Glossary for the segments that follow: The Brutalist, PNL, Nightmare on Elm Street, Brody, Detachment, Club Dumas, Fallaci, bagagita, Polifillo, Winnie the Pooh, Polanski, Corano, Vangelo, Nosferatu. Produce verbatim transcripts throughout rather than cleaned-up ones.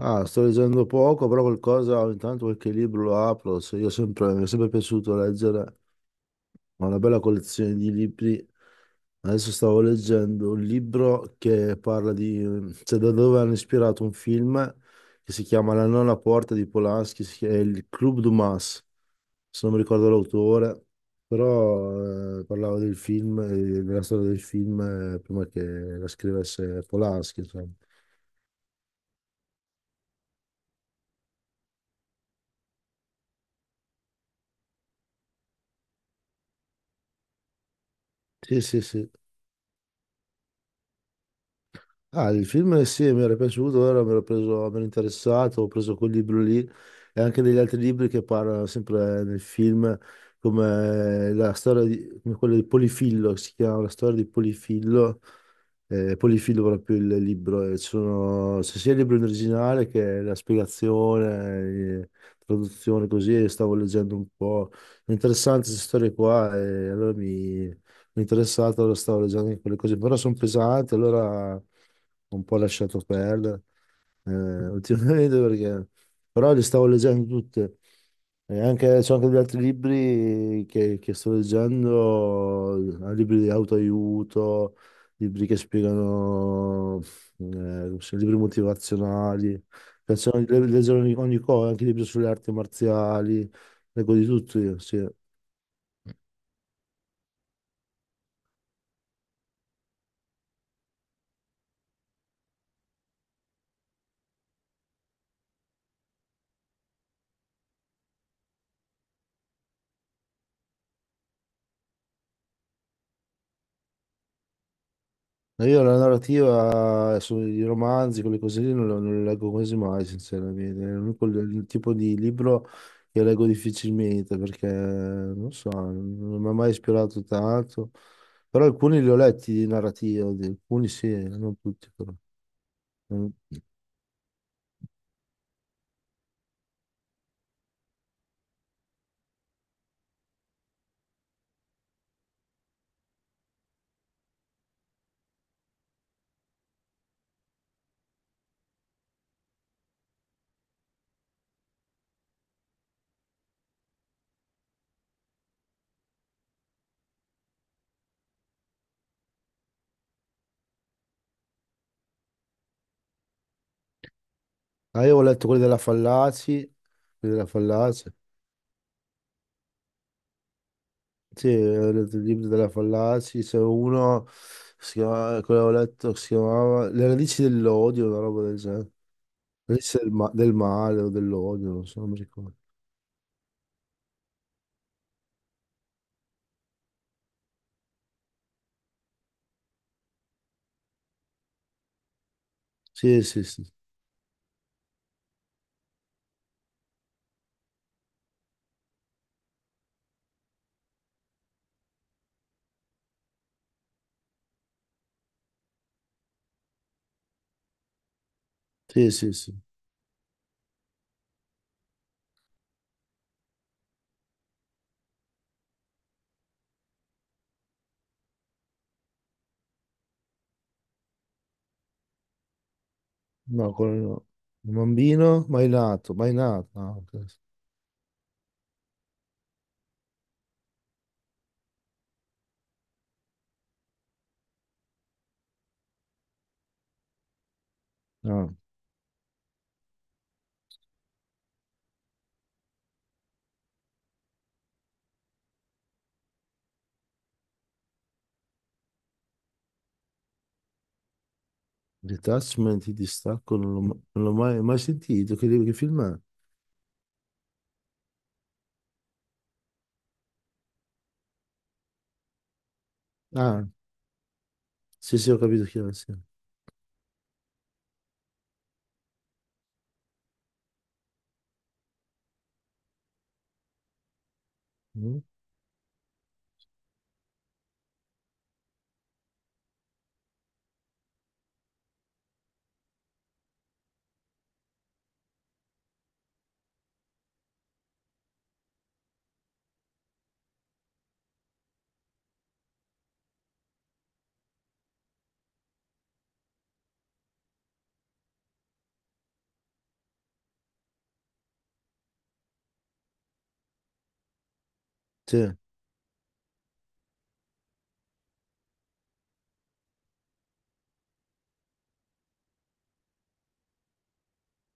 Ah, sto leggendo poco, però qualcosa, ogni tanto qualche libro lo apro. se- Io sempre, mi è sempre piaciuto leggere, ho una bella collezione di libri. Adesso stavo leggendo un libro che parla di, cioè da dove hanno ispirato un film che si chiama La nona porta di Polanski, si chi- è il Club Dumas, se non mi ricordo l'autore, però eh, parlava del film, eh, della storia del film eh, prima che la scrivesse Polanski, insomma. Sì, sì, sì. Ah, il film sì, mi era piaciuto, ora mi ero preso, mi ero interessato, ho preso quel libro lì e anche degli altri libri che parlano sempre nel film, come la storia di, come quello di Polifillo, si chiama La storia di Polifillo, eh, Polifillo proprio il libro, e ci sono, c'è sia il libro in originale che la spiegazione, eh, traduzione così, e stavo leggendo un po', è interessante queste storie qua e allora mi interessato, lo stavo leggendo anche quelle cose, però sono pesanti, allora ho un po' lasciato perdere eh, ultimamente perché... Però le stavo leggendo tutte. E anche, c'ho anche degli altri libri che, che sto leggendo, eh, libri di autoaiuto, libri che spiegano, eh, come si- libri motivazionali. Mi piacciono di leggere ogni, ogni cosa, anche libri sulle arti marziali, leggo di tutto io, sì. No, io la narrativa sui romanzi, quelle cose lì, non, la- non le leggo quasi mai, sinceramente. È l'unico il tipo di libro che leggo difficilmente perché, non so, non mi ha mai ispirato tanto. Però alcuni li ho letti di narrativa, di- alcuni sì, non tutti però. Mm. Ah, io ho letto quelli della Fallaci, quelli della Fallaci. Sì, ho letto il libro della Fallaci, c'è uno, si chiama- quello che ho letto, che si chiamava Le radici dell'odio, una roba del genere. Deve essere del, ma- del male o dell'odio, non so, non mi ricordo. Sì, sì, sì. Sì, sì, sì. No, quello no. Un bambino mai nato, mai nato. Ah, ok. Ah, detachment, il distacco, non l'ho ma- non l'ho mai, mai sentito. Che, che film è? Ah, sì, sì, ho capito chi è. Sì. Mm? Sì.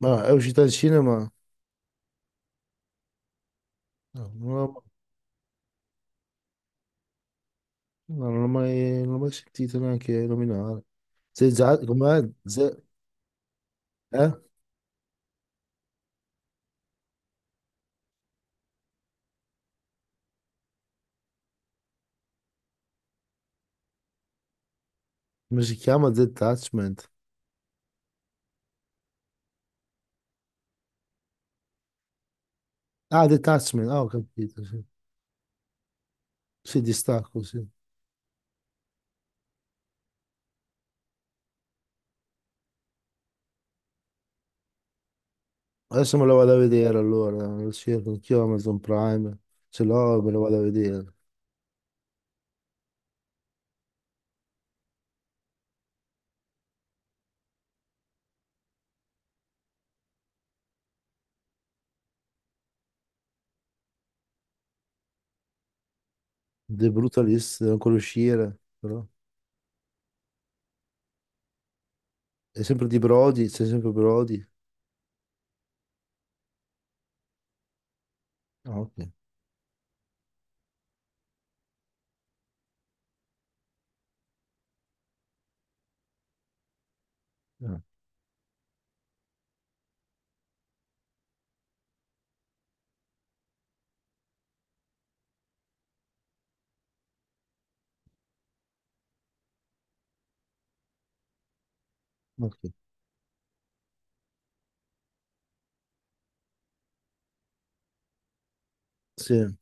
Ma è uscita al cinema? No, non l'ho no, non l'ho mai, non l'ho mai sentito neanche nominare. Sì, già, com'è? Z- eh? Come si chiama? Detachment. Ah, Detachment, ah, ho capito, sì. Sì, distacco, sì. Adesso me lo vado a vedere allora, lo cerco anch'io Amazon Prime, se l'ho me lo vado a vedere. The Brutalist, deve ancora uscire, però. È sempre di Brody, c'è sempre Brody. Ah, ok. Ah, ok. Sì.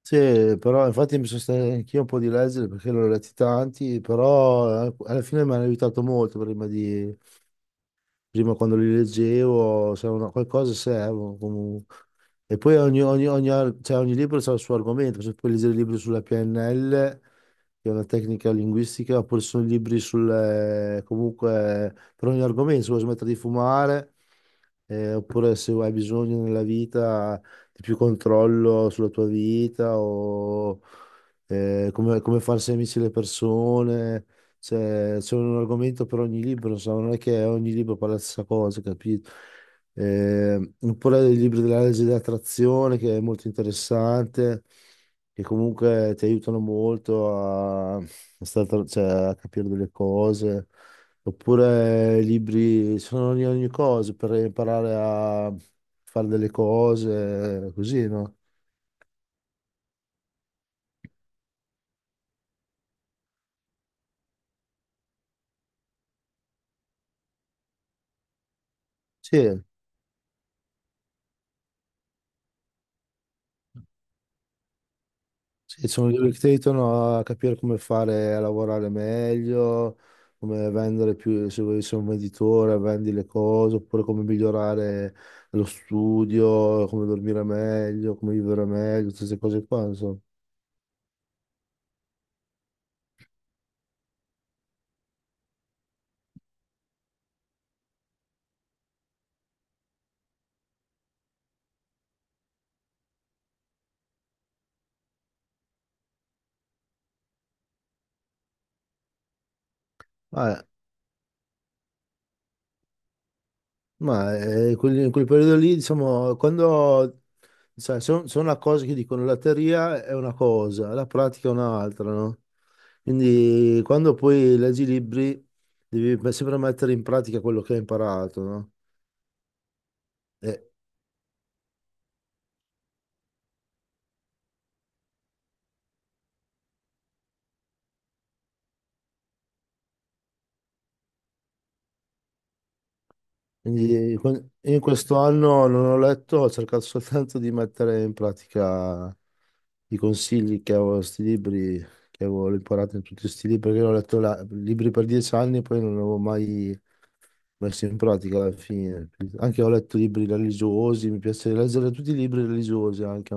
Sì, però infatti mi sono stato anch'io un po' di leggere perché l'ho letti tanti, però eh, alla fine mi hanno aiutato molto prima di Prima quando li leggevo, se una, qualcosa servono comunque. E poi ogni, ogni- ogni ar- cioè, ogni libro ha il suo argomento, se puoi leggere libri sulla P N L, che è una tecnica linguistica, oppure ci sono libri sul, eh, comunque, per ogni argomento, se vuoi smettere di fumare, eh, oppure se hai bisogno nella vita di più controllo sulla tua vita, o eh, come, come farsi amici le persone. Cioè, c'è un argomento per ogni libro, insomma, non è che ogni libro parla la stessa cosa, capito? Eh, oppure il libro della legge dell'attrazione, che è molto interessante, che comunque ti aiutano molto a, a stare tra- cioè, a capire delle cose. Oppure libri, sono ogni, ogni cosa per imparare a fare delle cose, così, no? Sì. Sì, sono due che ti aiutano a capire come fare a lavorare meglio, come vendere più, se vuoi essere un venditore, vendi le cose, oppure come migliorare lo studio, come dormire meglio, come vivere meglio, tutte queste cose qua, insomma. Ah, ma eh, quelli- in quel periodo lì, diciamo, quando sai, sono una cosa che dicono la teoria è una cosa, la pratica è un'altra, no? Quindi quando poi leggi i libri devi sempre mettere in pratica quello che hai imparato, no? Eh, quindi que- in questo anno non ho letto, ho cercato soltanto di mettere in pratica i consigli che avevo, sti libri che avevo imparato in tutti questi libri, perché io ho letto la- libri per dieci anni e poi non li avevo mai messi in pratica alla fine. Anche ho letto libri religiosi, mi piace leggere tutti i libri religiosi, anche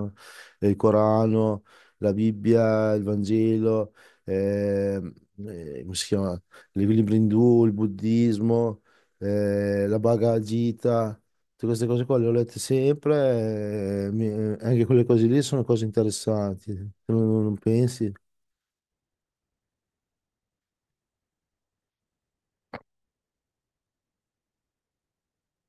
eh, il Corano, la Bibbia, il Vangelo, ehm, eh, come si chiama? I libri indù, il buddismo. eh, la bagagita, tutte queste cose qua le ho lette sempre, eh, mi- eh, anche quelle cose lì sono cose interessanti, tu non, non pensi?